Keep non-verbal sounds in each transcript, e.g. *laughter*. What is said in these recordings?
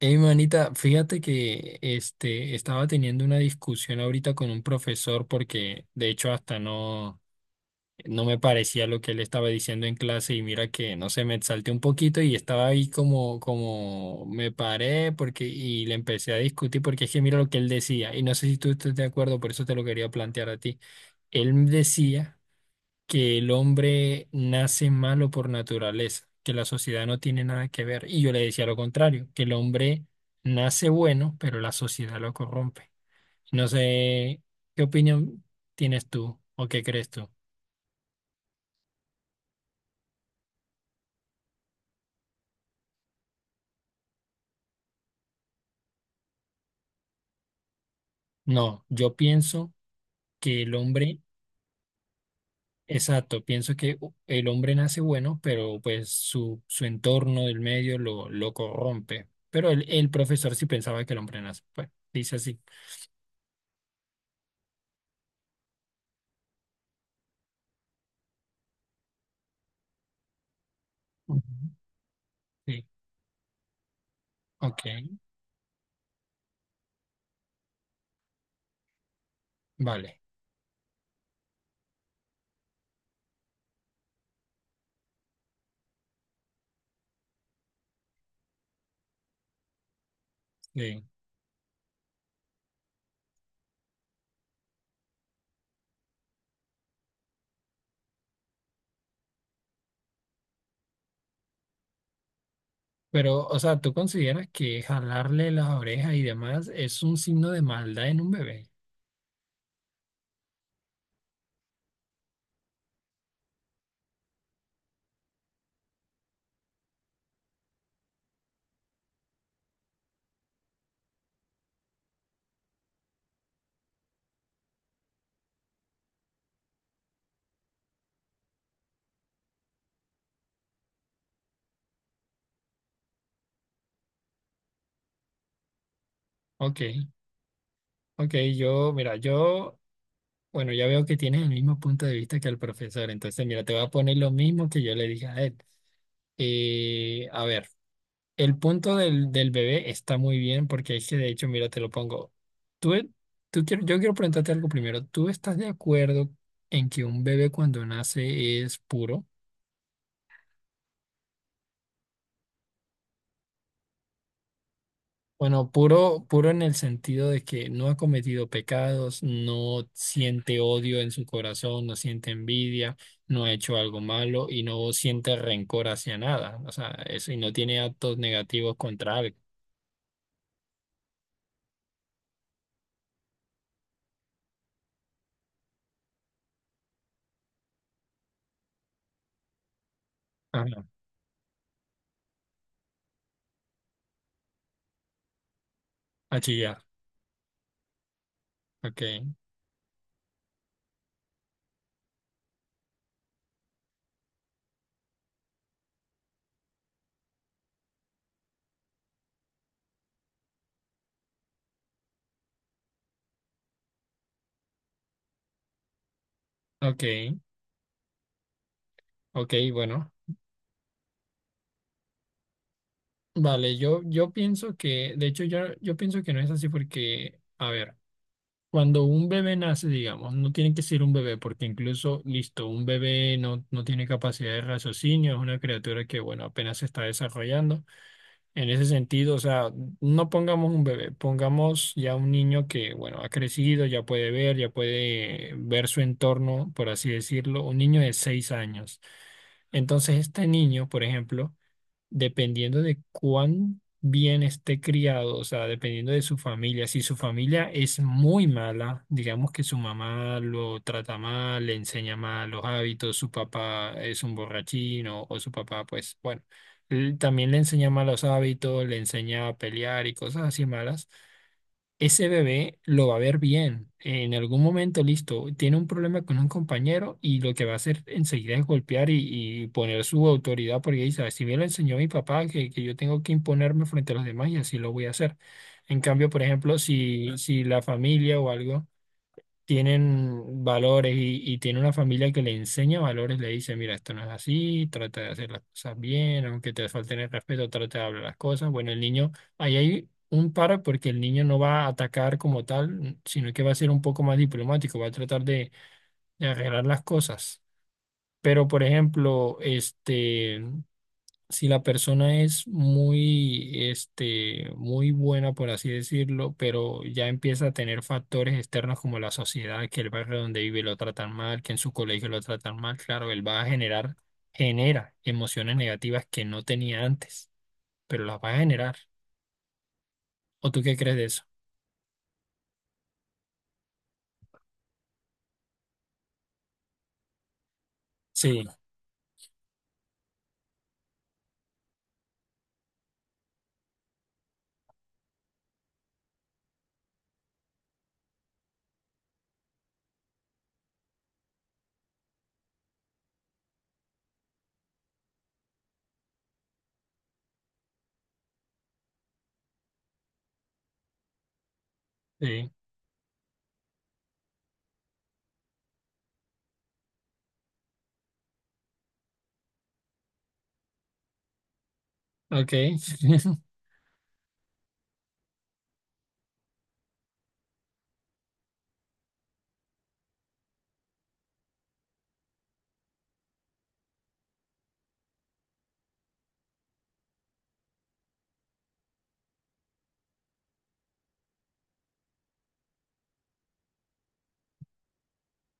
Hey, manita, fíjate que estaba teniendo una discusión ahorita con un profesor porque de hecho hasta no, no me parecía lo que él estaba diciendo en clase y mira que no sé, me exalté un poquito y estaba ahí como me paré porque, y le empecé a discutir porque es que mira lo que él decía y no sé si tú estás de acuerdo, por eso te lo quería plantear a ti. Él decía que el hombre nace malo por naturaleza, que la sociedad no tiene nada que ver. Y yo le decía lo contrario, que el hombre nace bueno, pero la sociedad lo corrompe. No sé qué opinión tienes tú o qué crees tú. No, yo pienso que el hombre, exacto, pienso que el hombre nace bueno, pero pues su entorno, el medio, lo corrompe. Pero el profesor sí pensaba que el hombre nace, pues dice así. Ujú. Sí, ok, vale. Sí. Pero, o sea, ¿tú consideras que jalarle las orejas y demás es un signo de maldad en un bebé? Ok, ok, bueno, ya veo que tienes el mismo punto de vista que el profesor, entonces, mira, te voy a poner lo mismo que yo le dije a él. A ver, el punto del bebé está muy bien porque es que, de hecho, mira, te lo pongo. Tú, e- tú quiero, yo quiero preguntarte algo primero. ¿Tú estás de acuerdo en que un bebé cuando nace es puro? Bueno, puro, puro en el sentido de que no ha cometido pecados, no siente odio en su corazón, no siente envidia, no ha hecho algo malo y no siente rencor hacia nada. O sea, eso y no tiene actos negativos contra algo. Ajá. A chillar. Ok, ok, ok, bueno. Vale, yo pienso que, de hecho, yo pienso que no es así porque, a ver. Cuando un bebé nace, digamos, no tiene que ser un bebé, porque incluso, listo, un bebé no tiene capacidad de raciocinio, es una criatura que, bueno, apenas se está desarrollando. En ese sentido, o sea, no pongamos un bebé, pongamos ya un niño que, bueno, ha crecido, ya puede ver su entorno, por así decirlo, un niño de 6 años. Entonces, este niño, por ejemplo, dependiendo de cuán bien esté criado, o sea, dependiendo de su familia. Si su familia es muy mala, digamos que su mamá lo trata mal, le enseña mal los hábitos, su papá es un borrachín o su papá, pues bueno, él también le enseña malos hábitos, le enseña a pelear y cosas así malas ese bebé lo va a ver bien. En algún momento, listo, tiene un problema con un compañero y lo que va a hacer enseguida es golpear y poner su autoridad porque dice, si me lo enseñó mi papá, que yo tengo que imponerme frente a los demás y así lo voy a hacer. En cambio, por ejemplo, si la familia o algo tienen valores y tiene una familia que le enseña valores, le dice, mira, esto no es así, trata de hacer las cosas bien, aunque te falten el respeto, trata de hablar las cosas. Bueno, el niño, ahí hay un para porque el niño no va a atacar como tal, sino que va a ser un poco más diplomático, va a tratar de arreglar las cosas. Pero, por ejemplo, si la persona es muy, muy buena, por así decirlo, pero ya empieza a tener factores externos como la sociedad, que el barrio donde vive lo tratan mal, que en su colegio lo tratan mal, claro, él va a generar, genera emociones negativas que no tenía antes, pero las va a generar. ¿O tú qué crees de eso? Sí, sí, ok, *laughs*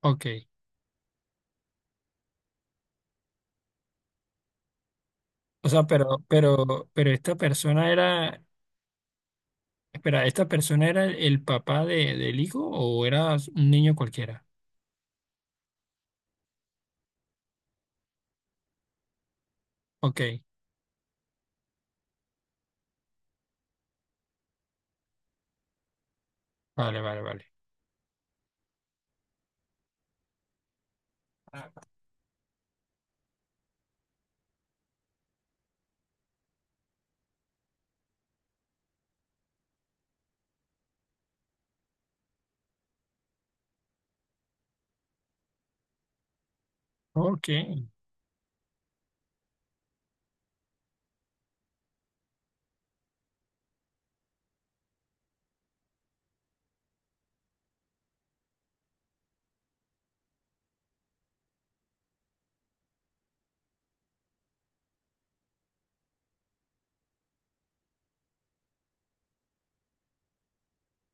ok. O sea, pero esta persona era, espera, ¿esta persona era el papá de, del hijo o era un niño cualquiera? Ok. Vale, vale, vale. Ok,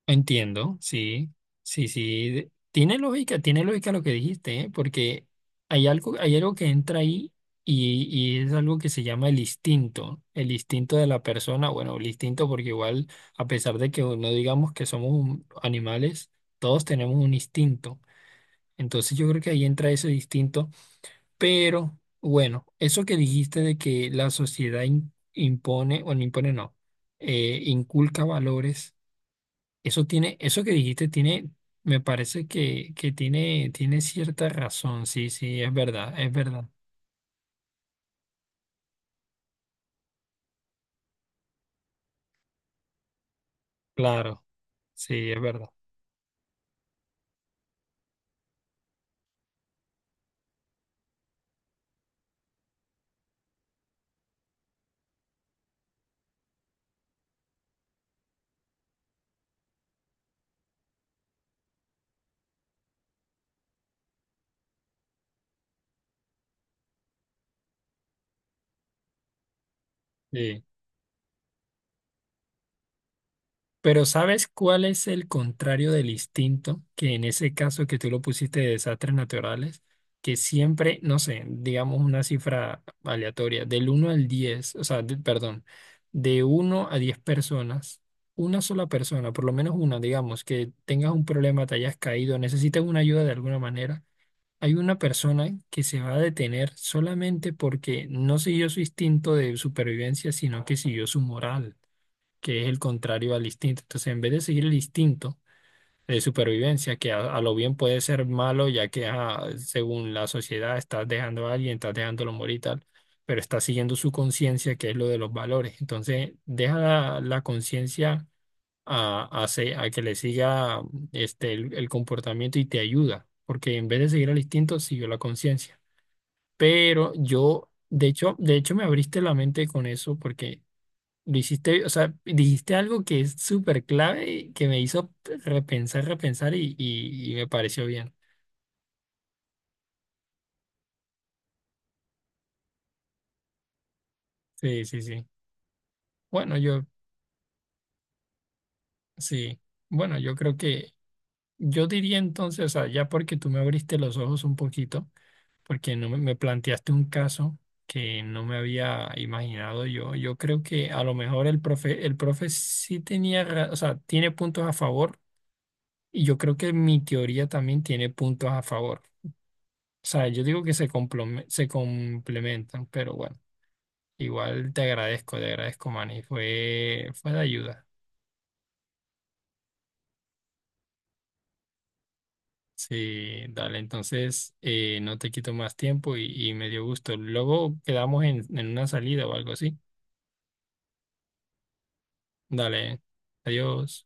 entiendo, sí, sí, sí. Tiene lógica lo que dijiste, ¿eh? Porque hay algo que entra ahí y es algo que se llama el instinto de la persona, bueno, el instinto porque igual, a pesar de que no digamos que somos animales, todos tenemos un instinto. Entonces yo creo que ahí entra ese instinto, pero bueno, eso que dijiste de que la sociedad impone, o no impone, no, inculca valores. Eso tiene, eso que dijiste tiene, me parece que tiene, tiene cierta razón. Sí, sí, es verdad, es verdad. Claro, sí, es verdad. Sí. Pero ¿sabes cuál es el contrario del instinto? Que en ese caso que tú lo pusiste de desastres naturales, que siempre, no sé, digamos una cifra aleatoria, del uno al 10 o sea, perdón, de uno a 10 personas, una sola persona, por lo menos una, digamos, que tengas un problema, te hayas caído, necesitas una ayuda de alguna manera, hay una persona que se va a detener solamente porque no siguió su instinto de supervivencia, sino que siguió su moral que es el contrario al instinto. Entonces, en vez de seguir el instinto de supervivencia, que a lo bien puede ser malo, ya que ajá, según la sociedad estás dejando a alguien, estás dejándolo morir y tal, pero estás siguiendo su conciencia, que es lo de los valores. Entonces, deja la conciencia a, a que le siga el comportamiento y te ayuda, porque en vez de seguir el instinto, siguió la conciencia. Pero yo, de hecho me abriste la mente con eso, porque... Lo hiciste, o sea, dijiste algo que es súper clave y que me hizo repensar, y me pareció bien. Sí, sí, sí. Bueno, yo, sí. Bueno, yo creo que, yo diría entonces, o sea, ya porque tú me abriste los ojos un poquito, porque no me planteaste un caso que no me había imaginado yo, yo creo que a lo mejor el profe sí tenía, o sea, tiene puntos a favor y yo creo que mi teoría también tiene puntos a favor. O sea, yo digo que se complementan, pero bueno, igual te agradezco, Manny. Fue de ayuda. Sí, dale, entonces no te quito más tiempo y me dio gusto. Luego quedamos en una salida o algo así. Dale, adiós.